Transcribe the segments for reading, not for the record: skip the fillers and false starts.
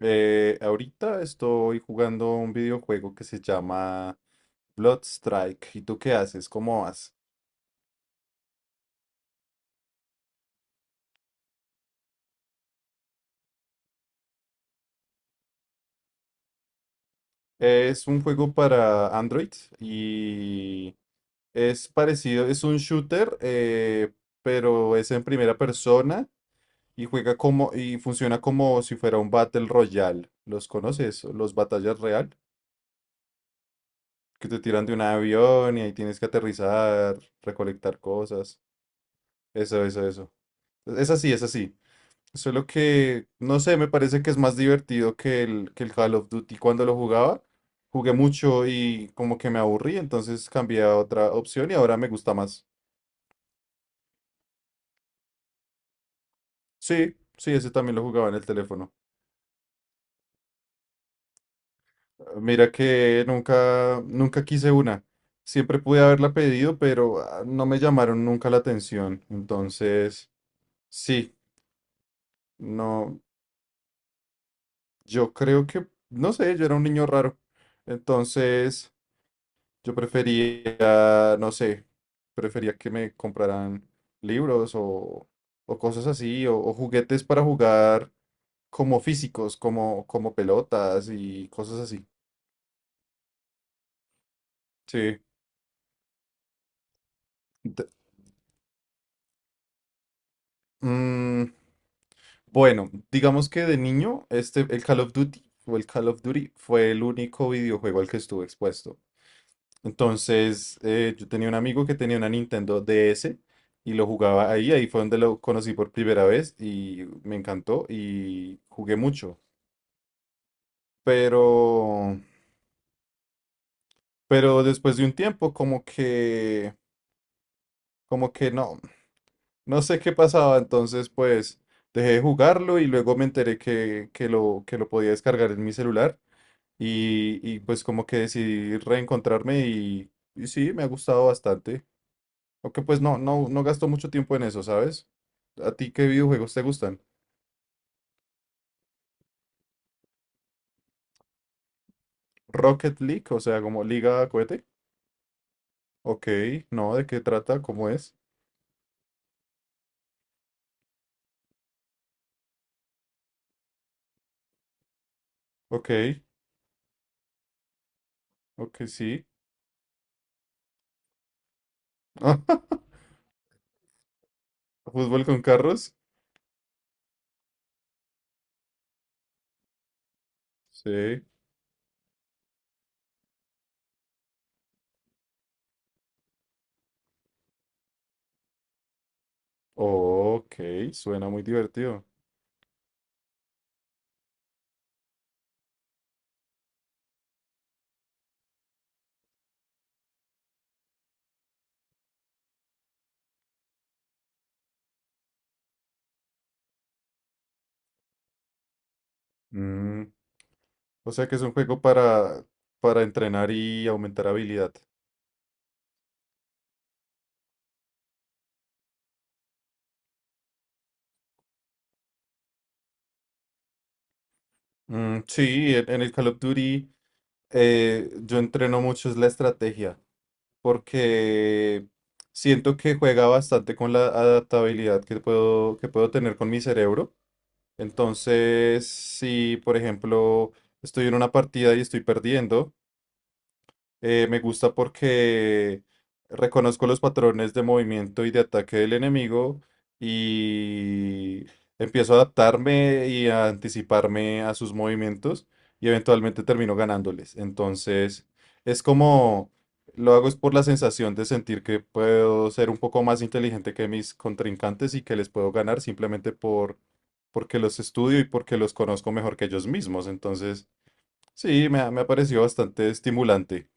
Ahorita estoy jugando un videojuego que se llama Bloodstrike. ¿Y tú qué haces? ¿Cómo vas? Es un juego para Android y es parecido, es un shooter, pero es en primera persona y juega como y funciona como si fuera un Battle Royale. ¿Los conoces? Los batallas real, que te tiran de un avión y ahí tienes que aterrizar, recolectar cosas. Eso, eso, eso. Es así, es así. Solo que, no sé, me parece que es más divertido que el Call of Duty. Cuando lo jugaba, jugué mucho y como que me aburrí, entonces cambié a otra opción y ahora me gusta más. Sí, sí, ese también lo jugaba en el teléfono. Mira que nunca, nunca quise una. Siempre pude haberla pedido, pero ah, no me llamaron nunca la atención. Entonces, sí, no, yo creo que, no sé, yo era un niño raro. Entonces, yo prefería, no sé, prefería que me compraran libros o cosas así, o juguetes para jugar como físicos, como, como pelotas y cosas así. Sí. D- mm, bueno, digamos que de niño, este, el Call of Duty o el Call of Duty fue el único videojuego al que estuve expuesto. Entonces, yo tenía un amigo que tenía una Nintendo DS y lo jugaba ahí, ahí fue donde lo conocí por primera vez y me encantó y jugué mucho. Pero, pero después de un tiempo, como que no, no sé qué pasaba, entonces pues dejé de jugarlo y luego me enteré que, que lo podía descargar en mi celular y pues como que decidí reencontrarme y sí, me ha gustado bastante. Aunque pues no, no, no gasto mucho tiempo en eso, ¿sabes? ¿A ti qué videojuegos te gustan? Rocket League, o sea, como Liga Cohete. Ok, no, ¿de qué trata? ¿Cómo es? Ok, ok, sí. ¿Fútbol con carros? Sí. Ok, suena muy divertido. Mm, o sea que es un juego para entrenar y aumentar habilidad. Mm, sí, en el Call of Duty, yo entreno mucho es la estrategia, porque siento que juega bastante con la adaptabilidad que puedo tener con mi cerebro. Entonces, si por ejemplo estoy en una partida y estoy perdiendo, me gusta porque reconozco los patrones de movimiento y de ataque del enemigo y empiezo a adaptarme y a anticiparme a sus movimientos y eventualmente termino ganándoles. Entonces, es como lo hago es por la sensación de sentir que puedo ser un poco más inteligente que mis contrincantes y que les puedo ganar simplemente por porque los estudio y porque los conozco mejor que ellos mismos. Entonces, sí, me ha parecido bastante estimulante.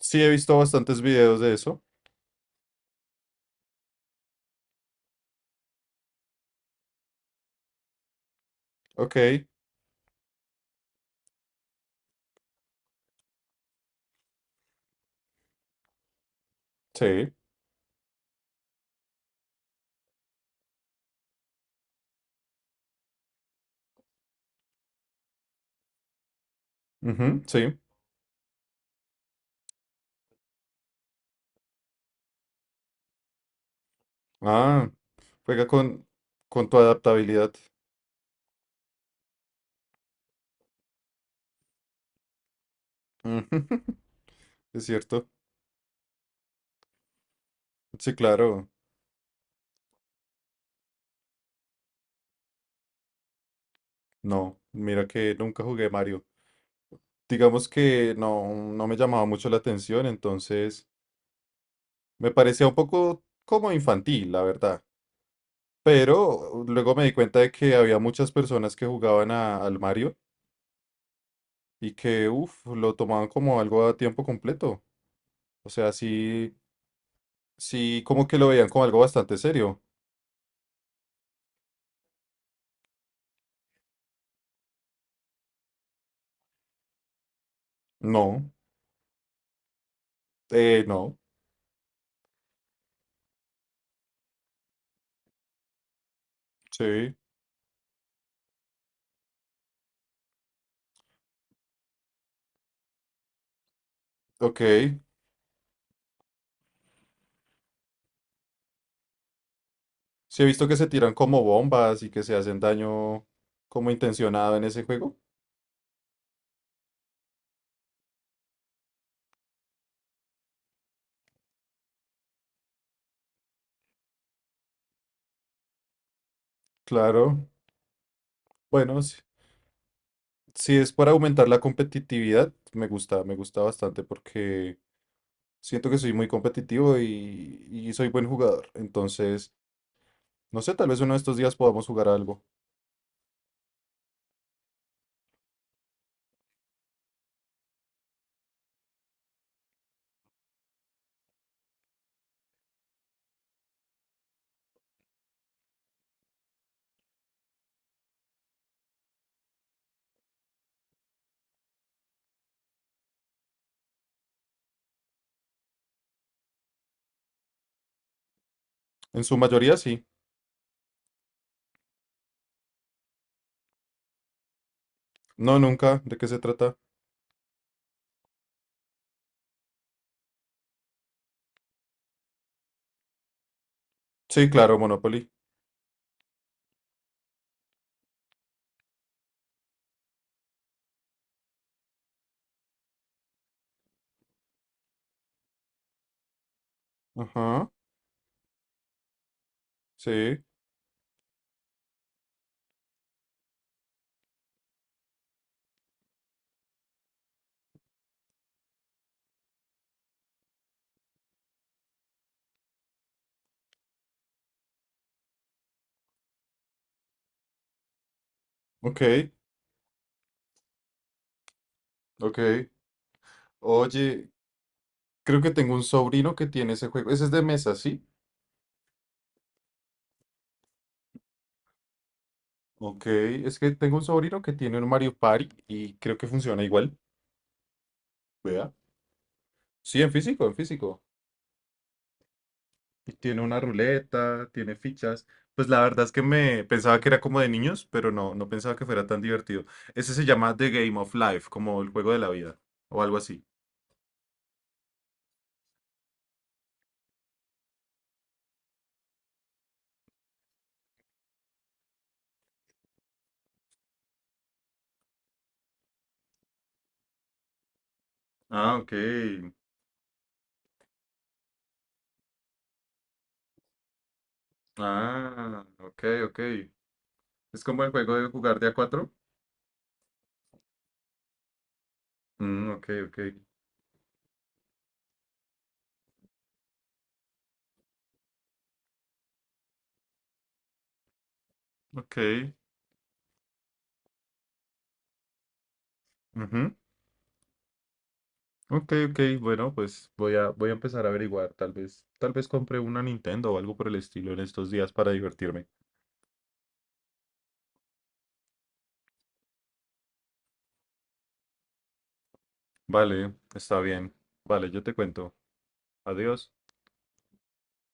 Sí, he visto bastantes videos de eso. Ok, sí. Ujú, sí. Ah, juega con tu adaptabilidad. Ujú, es cierto. Sí, claro. No, mira que nunca jugué Mario. Digamos que no, no me llamaba mucho la atención, entonces me parecía un poco como infantil, la verdad. Pero luego me di cuenta de que había muchas personas que jugaban al Mario y que, uff, lo tomaban como algo a tiempo completo. O sea, sí. Sí, como que lo veían como algo bastante serio. No, no, sí, ok. Sí he visto que se tiran como bombas y que se hacen daño como intencionado en ese juego. Claro, bueno, si, si es para aumentar la competitividad, me gusta bastante porque siento que soy muy competitivo y soy buen jugador. Entonces, no sé, tal vez uno de estos días podamos jugar algo. En su mayoría sí. No, nunca. ¿De qué se trata? Sí, claro, Monopoly. Ajá, sí, ok. Ok. Oye, creo que tengo un sobrino que tiene ese juego. Ese es de mesa, ¿sí? Ok. Es que tengo un sobrino que tiene un Mario Party y creo que funciona igual. Vea. Sí, en físico, en físico. Y tiene una ruleta, tiene fichas. Pues la verdad es que me pensaba que era como de niños, pero no, no pensaba que fuera tan divertido. Ese se llama The Game of Life, como el juego de la vida, o algo así. Ah, ok. Ah, ok, ok. Es como el juego de jugar de a cuatro. Mm, ok, ok. Ok. Ujú. Ok, ok, bueno, pues voy a empezar a averiguar, tal vez compre una Nintendo o algo por el estilo en estos días para divertirme. Vale, está bien. Vale, yo te cuento. Adiós.